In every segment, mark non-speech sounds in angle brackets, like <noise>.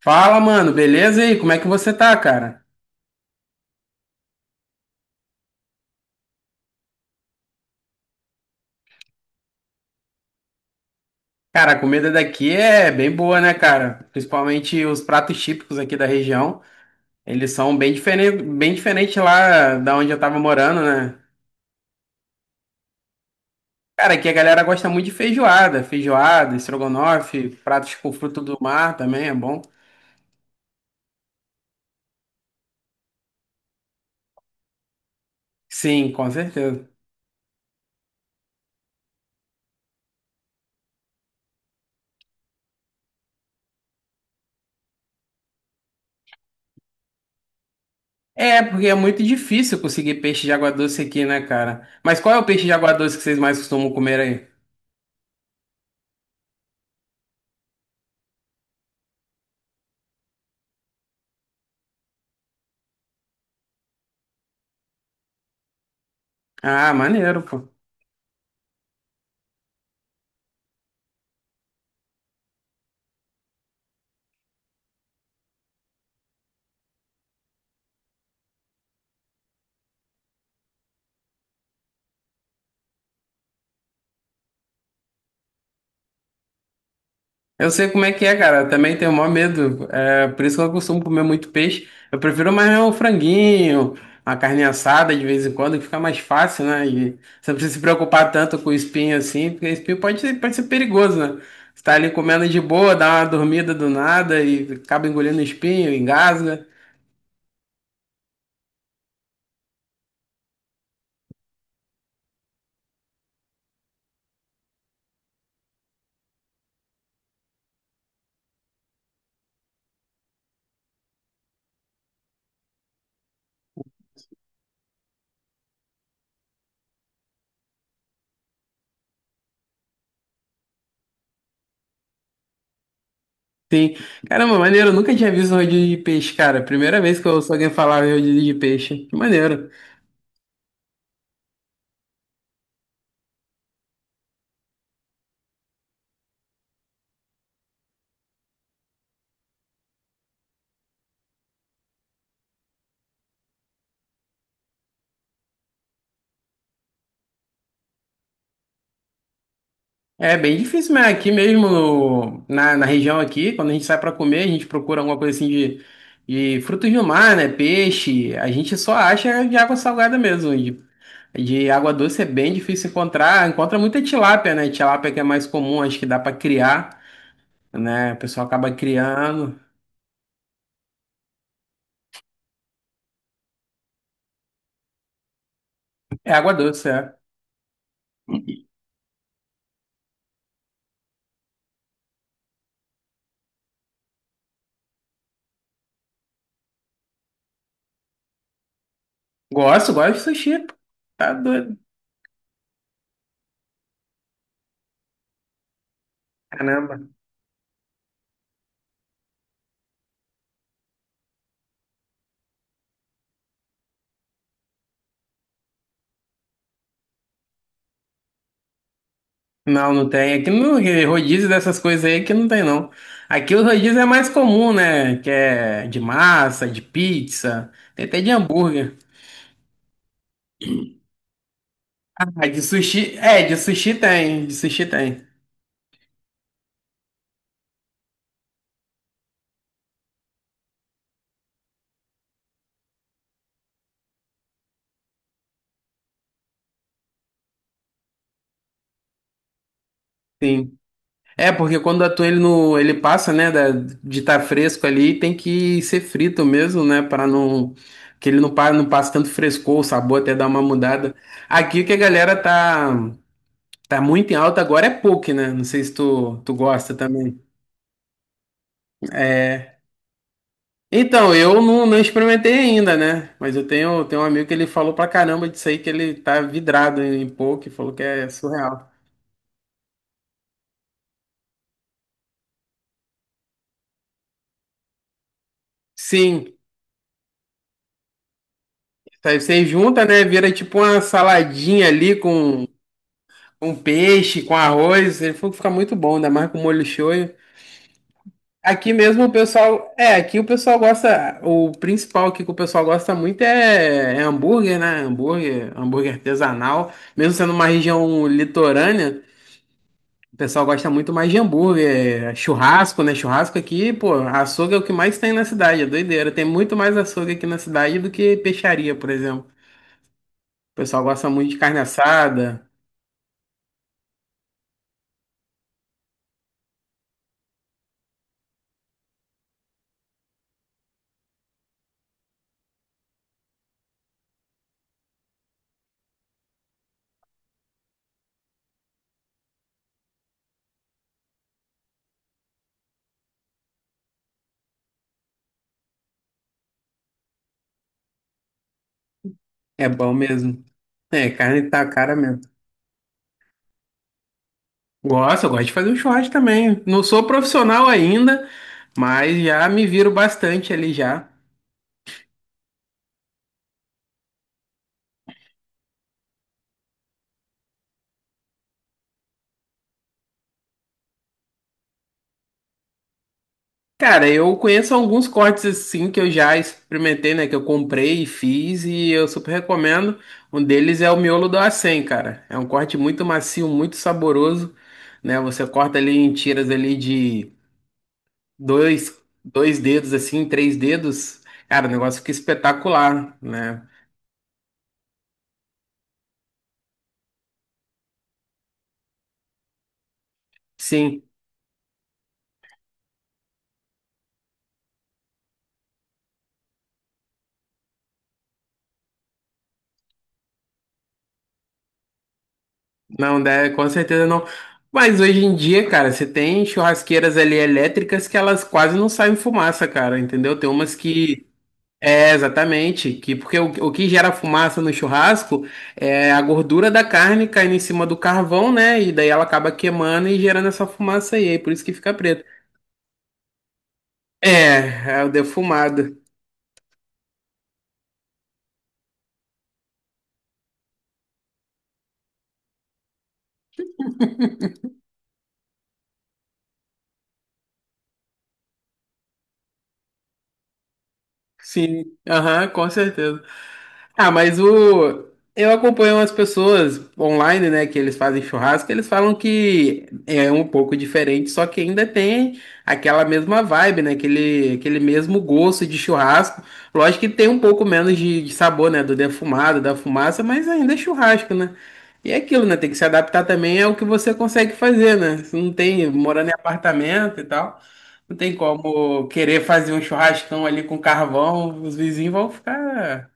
Fala, mano, beleza? E aí, como é que você tá, cara? Cara, a comida daqui é bem boa, né, cara? Principalmente os pratos típicos aqui da região. Eles são bem diferentes lá da onde eu tava morando, né? Cara, aqui a galera gosta muito de feijoada, feijoada, estrogonofe, pratos com fruto do mar também é bom. Sim, com certeza. É, porque é muito difícil conseguir peixe de água doce aqui, né, cara? Mas qual é o peixe de água doce que vocês mais costumam comer aí? Ah, maneiro, pô. Eu sei como é que é, cara. Eu também tenho o maior medo. É por isso que eu costumo comer muito peixe. Eu prefiro mais um franguinho, uma carne assada de vez em quando, que fica mais fácil, né? E você não precisa se preocupar tanto com o espinho assim, porque espinho pode ser perigoso, né? Você tá ali comendo de boa, dá uma dormida do nada e acaba engolindo espinho, engasga. Sim. Caramba, maneiro. Eu nunca tinha visto um rodízio de peixe, cara. Primeira vez que eu ouço alguém falar em rodízio de peixe. Que maneiro. É bem difícil, mas aqui mesmo, na região aqui, quando a gente sai para comer, a gente procura alguma coisa assim de frutos do mar, né? Peixe, a gente só acha de água salgada mesmo. De água doce é bem difícil encontrar. Encontra muita tilápia, né? Tilápia que é mais comum, acho que dá para criar, né? O pessoal acaba criando. É água doce, é. Gosto, gosto de sushi, pô. Tá doido. Caramba. Não, não tem. Aqui no rodízio dessas coisas aí que não tem, não. Aqui o rodízio é mais comum, né? Que é de massa, de pizza, tem até de hambúrguer. Ah, de sushi. É, de sushi tem, de sushi tem. Sim. É, porque quando atua ele no. Ele passa, né? De estar fresco ali, tem que ser frito mesmo, né? Para não. Que ele não, não passe tanto frescor, o sabor até dar uma mudada. Aqui o que a galera tá. Tá muito em alta agora é poke, né? Não sei se tu gosta também. É, então, eu não experimentei ainda, né? Mas eu tenho um amigo que ele falou pra caramba disso aí, que ele tá vidrado em poke, falou que é surreal. Sim, aí você junta, né? Vira tipo uma saladinha ali com peixe, com arroz. Ele falou que fica muito bom, ainda mais com molho shoyu. Aqui mesmo o pessoal. É, aqui o pessoal gosta. O principal aqui que o pessoal gosta muito é, hambúrguer, né? Hambúrguer, hambúrguer artesanal. Mesmo sendo uma região litorânea. O pessoal gosta muito mais de hambúrguer, é, churrasco, né? Churrasco aqui, pô, açougue é o que mais tem na cidade, é doideira. Tem muito mais açougue aqui na cidade do que peixaria, por exemplo. O pessoal gosta muito de carne assada, é bom mesmo. É, carne tá cara mesmo. Gosto, eu gosto de fazer um churrasco também. Não sou profissional ainda, mas já me viro bastante ali já. Cara, eu conheço alguns cortes assim que eu já experimentei, né? Que eu comprei e fiz e eu super recomendo. Um deles é o miolo do acém, cara. É um corte muito macio, muito saboroso, né? Você corta ali em tiras ali de dois, dois dedos, assim, três dedos. Cara, o negócio fica espetacular, né? Sim, não deve, com certeza não. Mas hoje em dia, cara, você tem churrasqueiras ali elétricas que elas quase não saem fumaça, cara, entendeu? Tem umas que é, exatamente, que porque o que gera fumaça no churrasco é a gordura da carne caindo em cima do carvão, né? E daí ela acaba queimando e gerando essa fumaça aí, aí por isso que fica preto. É, é o defumado. Sim, aham, com certeza. Ah, mas o. Eu acompanho umas pessoas online, né, que eles fazem churrasco, eles falam que é um pouco diferente, só que ainda tem aquela mesma vibe, né, aquele, aquele mesmo gosto de churrasco. Lógico que tem um pouco menos de, sabor, né, do defumado, da fumaça, mas ainda é churrasco, né? E é aquilo, né, tem que se adaptar também ao que você consegue fazer, né? Você não tem, morando em apartamento e tal. Não tem como querer fazer um churrascão ali com carvão, os vizinhos vão ficar.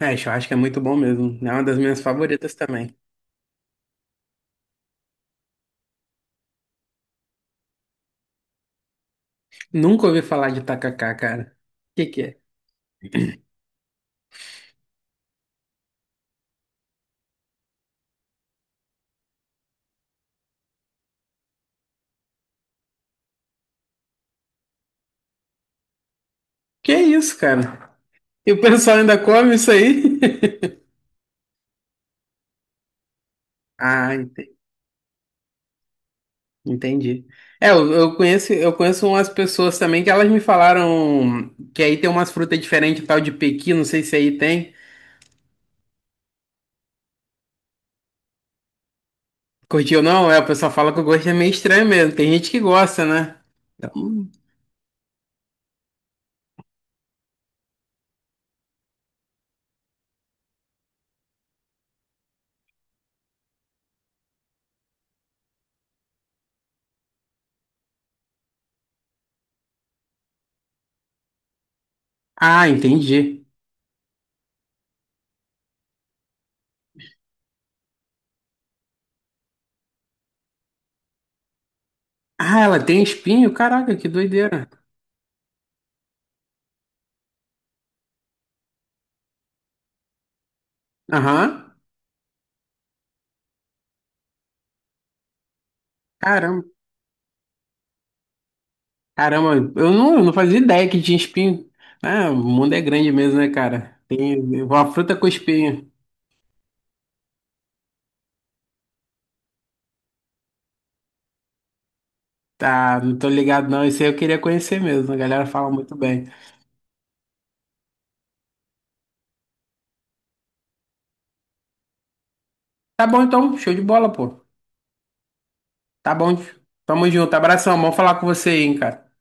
É, churrasco é muito bom mesmo. É uma das minhas favoritas também. Nunca ouvi falar de tacacá, cara. Que é? Que é isso, cara? E o pessoal ainda come isso aí? <laughs> Ah, entendi. É, eu, eu conheço umas pessoas também que elas me falaram que aí tem umas frutas diferentes, tal de pequi, não sei se aí tem. Curtiu ou não? É, o pessoal fala que o gosto é meio estranho mesmo. Tem gente que gosta, né? Hum. Ah, entendi. Ah, ela tem espinho? Caraca, que doideira. Aham. Caramba. Caramba, eu não fazia ideia que tinha espinho. Ah, o mundo é grande mesmo, né, cara? Tem uma fruta com espinho. Tá, não tô ligado não. Isso aí eu queria conhecer mesmo. A galera fala muito bem. Tá bom então, show de bola, pô. Tá bom. Tamo junto. Abração. Vamos falar com você aí, hein, cara.